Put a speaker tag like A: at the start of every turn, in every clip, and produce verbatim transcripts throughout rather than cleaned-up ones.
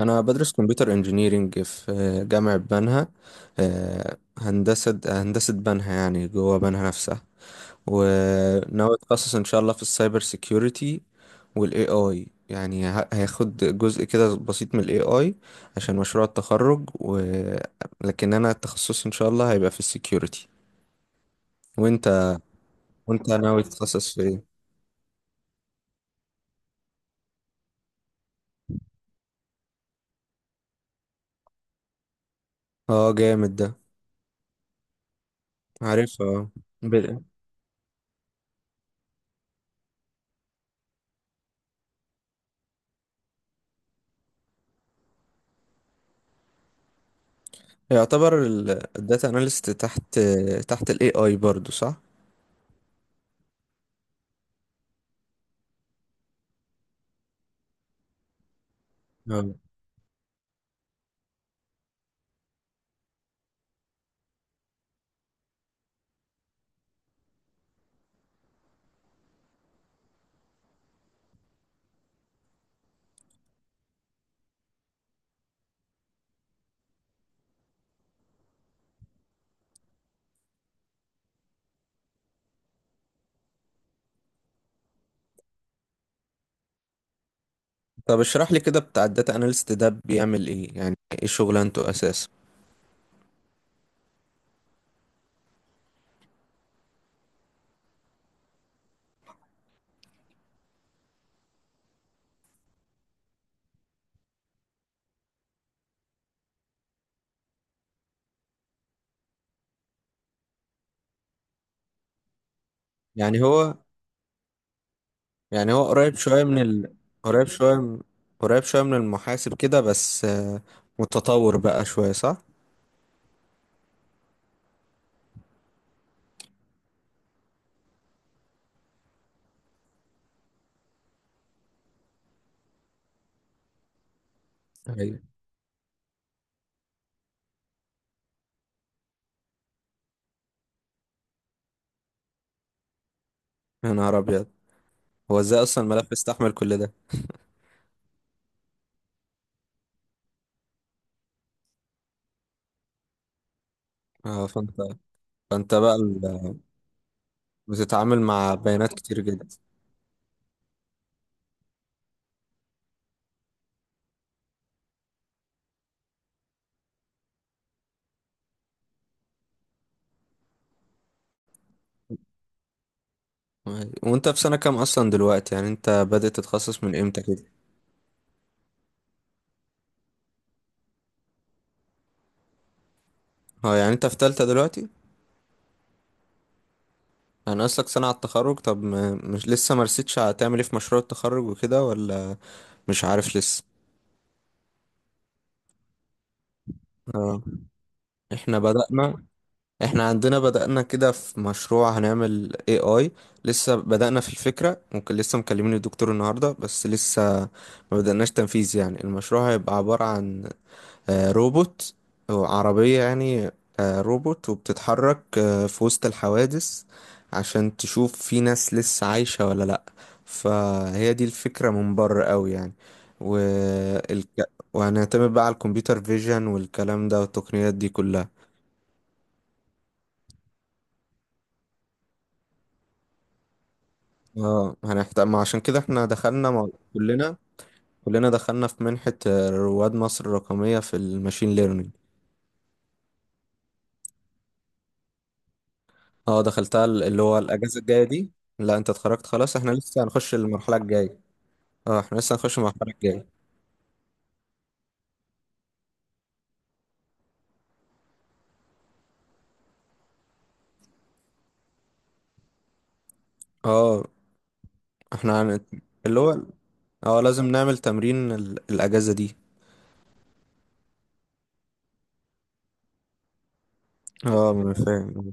A: انا بدرس كمبيوتر انجينيرينج في جامعة بنها. آه، هندسة هندسة بنها، يعني جوه بنها نفسها. وناوي اتخصص ان شاء الله في السايبر سيكيورتي، والاي اي يعني ه- هياخد جزء كده بسيط من الاي اي عشان مشروع التخرج. و... لكن انا التخصص ان شاء الله هيبقى في السيكيورتي. وانت وانت ناوي تتخصص في ايه؟ اه، جامد ده. عارفها، آه. ب- يعتبر الداتا اناليست تحت تحت الاي اي برضو، صح؟ آه. طب اشرح لي كده بتاع الداتا اناليست ده بيعمل ايه؟ يعني ايه شغلانته اساسا؟ يعني هو يعني هو قريب شويه من ال... قريب شويه من... قريب شويه من المحاسب كده، بس آه، متطور بقى شويه، صح؟ ايوه. يا نهار ابيض، هو ازاي اصلا الملف يستحمل كل ده؟ اه، فانت فانت بقى ال- بتتعامل مع بيانات كتير جدا. وانت في سنه كام اصلا دلوقتي؟ يعني انت بدأت تتخصص من امتى كده؟ اه، يعني انت في تالتة دلوقتي. انا اصلك سنة على التخرج. طب ما مش لسه ما رسيتش، هتعمل ايه في مشروع التخرج وكده ولا مش عارف لسه؟ اه، احنا بدأنا احنا عندنا بدأنا كده في مشروع هنعمل إيه آي. لسه بدأنا في الفكرة، ممكن لسه مكلمين الدكتور النهاردة، بس لسه ما بدأناش تنفيذ. يعني المشروع هيبقى عبارة عن آه، روبوت، أو عربية يعني، آه، روبوت وبتتحرك آه، في وسط الحوادث عشان تشوف في ناس لسه عايشة ولا لأ. فهي دي الفكرة من بره قوي يعني. والك... وهنعتمد بقى على الكمبيوتر فيجن والكلام ده والتقنيات دي كلها. اه، هنحتاج. ما عشان كده احنا دخلنا مع... كلنا، كلنا دخلنا في منحة آه، رواد مصر الرقمية في الماشين ليرنينج. اه، دخلتها ال- اللي هو الأجازة الجاية دي. لا، انت اتخرجت خلاص، احنا لسه هنخش المرحلة الجاية. اه، احنا لسه هنخش المرحلة الجاية. اه، احنا هن... اللي هو، اه، لازم نعمل تمرين ال... الأجازة دي. اه، ما انا فاهم.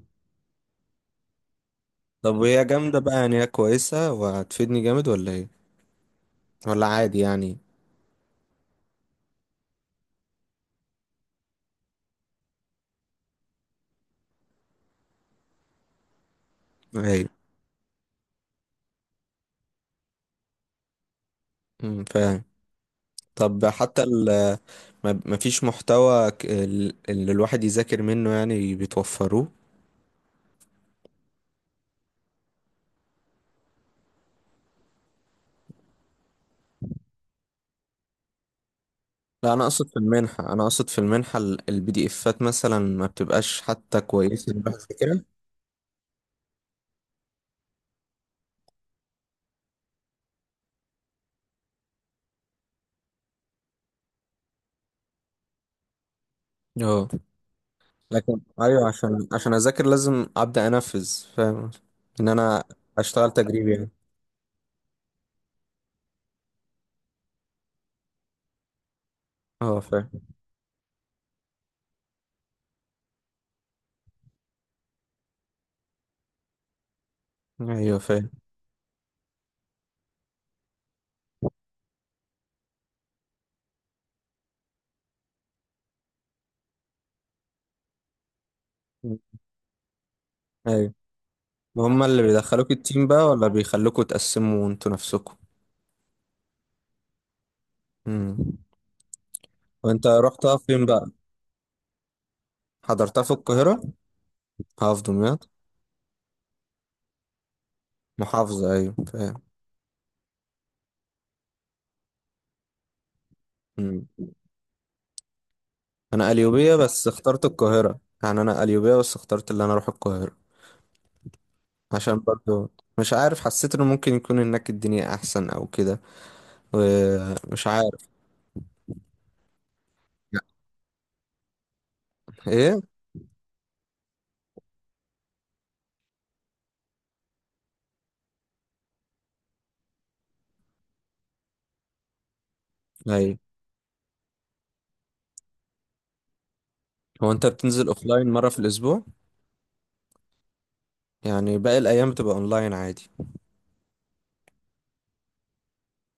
A: طب وهي جامدة بقى؟ يعني هي كويسة وهتفيدني جامد ولا ايه؟ ولا عادي يعني؟ ايوه. امم، فاهم. طب حتى ال... ما ما فيش محتوى ك- ال- اللي الواحد يذاكر منه يعني، بتوفروه؟ لا، انا اقصد في المنحة انا اقصد في المنحة، البي دي افات مثلا ما بتبقاش حتى كويسة إن الواحد يذاكرها. اه. لكن ايوه، عشان عشان اذاكر لازم ابدا انفذ. فاهم، ان انا اشتغل تجريبي يعني. اه، فاهم. ايوه فاهم ايوه هما اللي بيدخلوك التيم بقى ولا بيخلوكوا تقسموا انتوا نفسكوا امم وانت رحتها فين بقى حضرتها في القاهرة محافظة دمياط محافظة ايوه فاهم امم انا قليوبية بس اخترت القاهرة يعني انا قليوبية بس اخترت اللي انا اروح القاهرة عشان برضو مش عارف حسيت انه ممكن يكون هناك الدنيا احسن او كده ومش عارف يعني. ايه ايوه هو انت بتنزل اوفلاين مرة في الاسبوع يعني باقي الايام بتبقى اونلاين عادي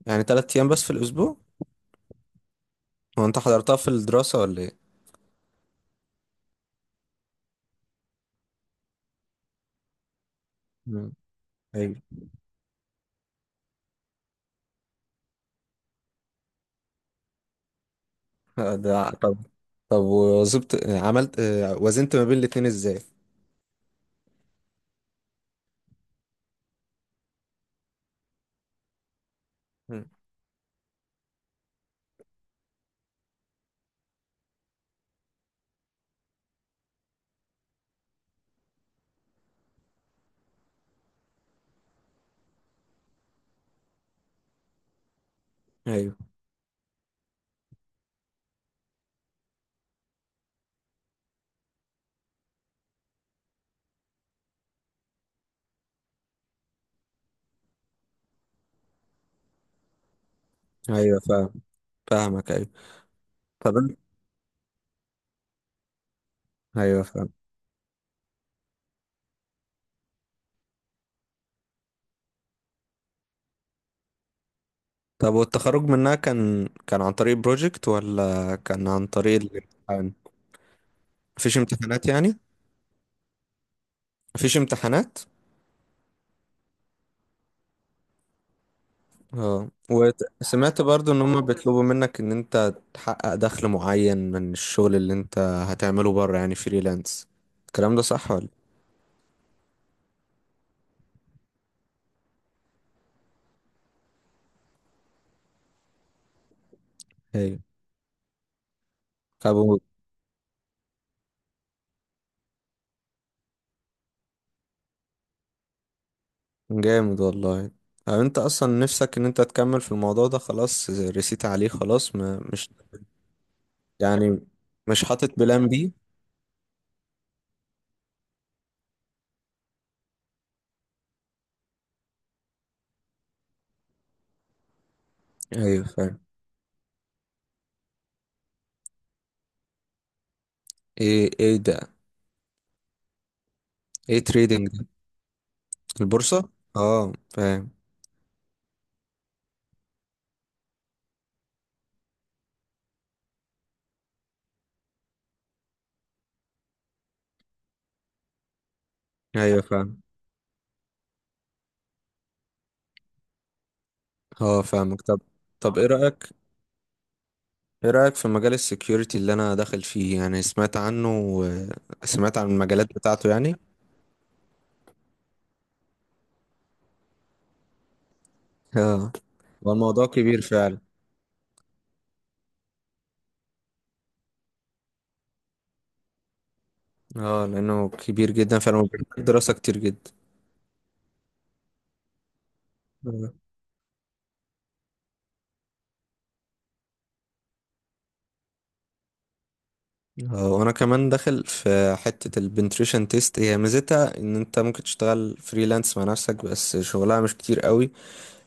A: يعني تلات ايام بس في الاسبوع هو انت حضرتها في الدراسة ولا ايه مم. ايوه آه، ده طب طب وظبط عملت آه، وزنت ما بين الاتنين ازاي مم. ايوه ايوه، فاهم، فاهمك، ايوه. طب أنت- ايوه، فاهم. طب والتخرج منها كان كان عن طريق بروجكت ولا كان عن طريق الامتحان؟ مفيش امتحانات يعني؟ مفيش امتحانات؟ اه. وسمعت برضو ان هم بيطلبوا منك ان انت تحقق دخل معين من الشغل اللي انت هتعمله بره يعني فريلانس، الكلام ده صح ولا؟ ايوه. ابو جامد والله. طب انت اصلا نفسك ان انت تكمل في الموضوع ده؟ خلاص رسيت عليه خلاص، ما مش يعني، مش حاطط بلان بي؟ ايوه، فاهم. ايه؟ ايه ده؟ ايه تريدينج ده؟ البورصة. اه، فاهم. ايوه، فاهم. اه، فاهمك. طب، طب ايه رأيك ايه رأيك في مجال السكيورتي اللي انا داخل فيه؟ يعني سمعت عنه سمعت عن المجالات بتاعته يعني. اه، هو الموضوع كبير فعلا. اه، لانه كبير جدا فعلا، وبيحتاج دراسة كتير جدا. اه. آه، وانا كمان داخل في حتة البنتريشن تيست. هي ميزتها ان انت ممكن تشتغل فريلانس مع نفسك، بس شغلها مش كتير قوي،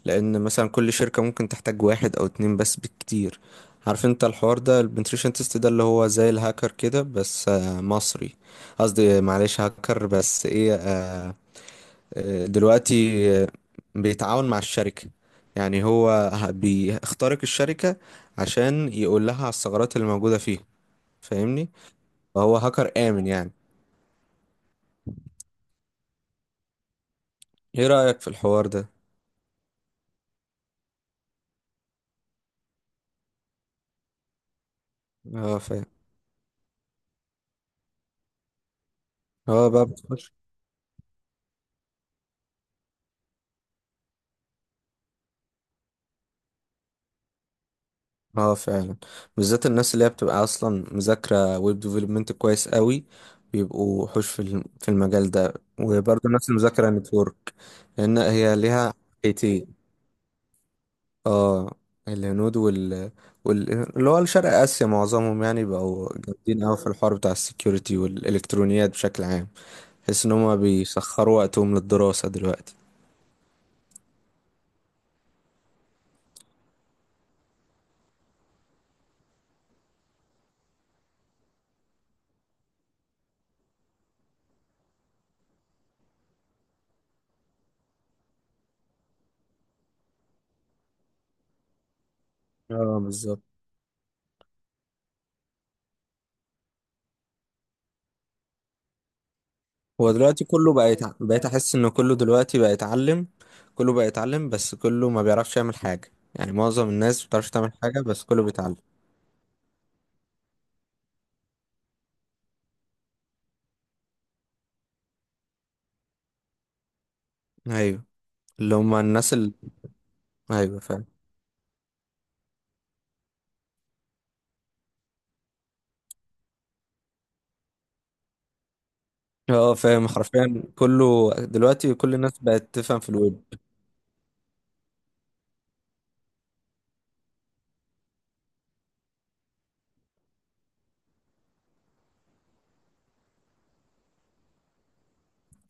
A: لان مثلا كل شركة ممكن تحتاج واحد او اتنين بس بالكتير. عارف انت الحوار ده، البنتريشن تيست ده اللي هو زي الهاكر كده بس آه، مصري؟ قصدي، معلش، هاكر، بس ايه، آه، آه، دلوقتي، آه، بيتعاون مع الشركة. يعني هو ه- بيخترق الشركة عشان يقول لها على الثغرات اللي موجودة فيها، فاهمني؟ فهو هاكر آمن يعني. ايه رأيك في الحوار ده؟ اه، فاهم. هو بقى. اه، فعلا. بالذات الناس اللي هي بتبقى اصلا مذاكره ويب ديفلوبمنت كويس قوي، بيبقوا وحوش في الم- في المجال ده. وبرضه نفس المذاكره، نتورك، لان هي ليها حيتين. اه. الهنود وال, وال... اللي هو شرق اسيا معظمهم، يعني بقوا جامدين قوي في الحوار بتاع السكيورتي والالكترونيات بشكل عام. تحس ان هم بيسخروا وقتهم للدراسه دلوقتي. اه، بالظبط. هو دلوقتي كله بقى يتع... بقيت احس ان كله دلوقتي بقى يتعلم. كله بقى يتعلم بس كله ما بيعرفش يعمل حاجة، يعني معظم الناس ما بتعرفش تعمل حاجة بس كله بيتعلم. ايوه، اللي هم الناس اللي. ايوه، فاهم. اه، فاهم، حرفيا كله دلوقتي، كل الناس بقت تفهم في الويب.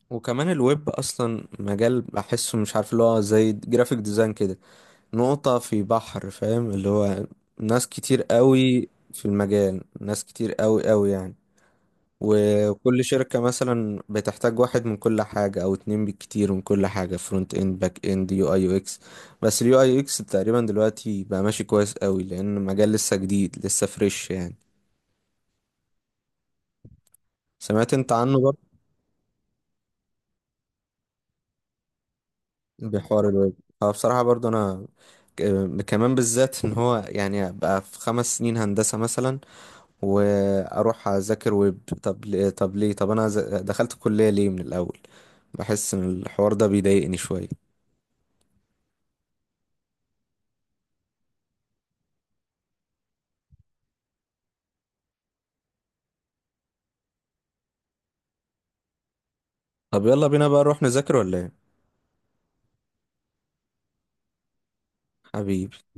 A: وكمان الويب اصلا مجال، بحسه مش عارف، اللي هو زي جرافيك ديزاين كده، نقطة في بحر. فاهم؟ اللي هو ناس كتير قوي في المجال، ناس كتير قوي قوي يعني. وكل شركة مثلا بتحتاج واحد من كل حاجة أو اتنين بالكتير، من كل حاجة: فرونت اند، باك اند، يو اي يو اكس. بس اليو اي يو اكس تقريبا دلوقتي بقى ماشي كويس قوي، لأن مجال لسه جديد، لسه فريش يعني. سمعت انت عنه برضه؟ بحوار الويب. اه، بصراحة برضه أنا ك- كمان، بالذات ان هو يعني ابقى في خمس سنين هندسة مثلا واروح اذاكر ويب، طب ليه- طب ليه طب انا ز- دخلت الكلية ليه من الاول؟ بحس ان الحوار ده بيضايقني شوية. طب يلا بينا بقى نروح نذاكر ولا ايه؟ حبيبي.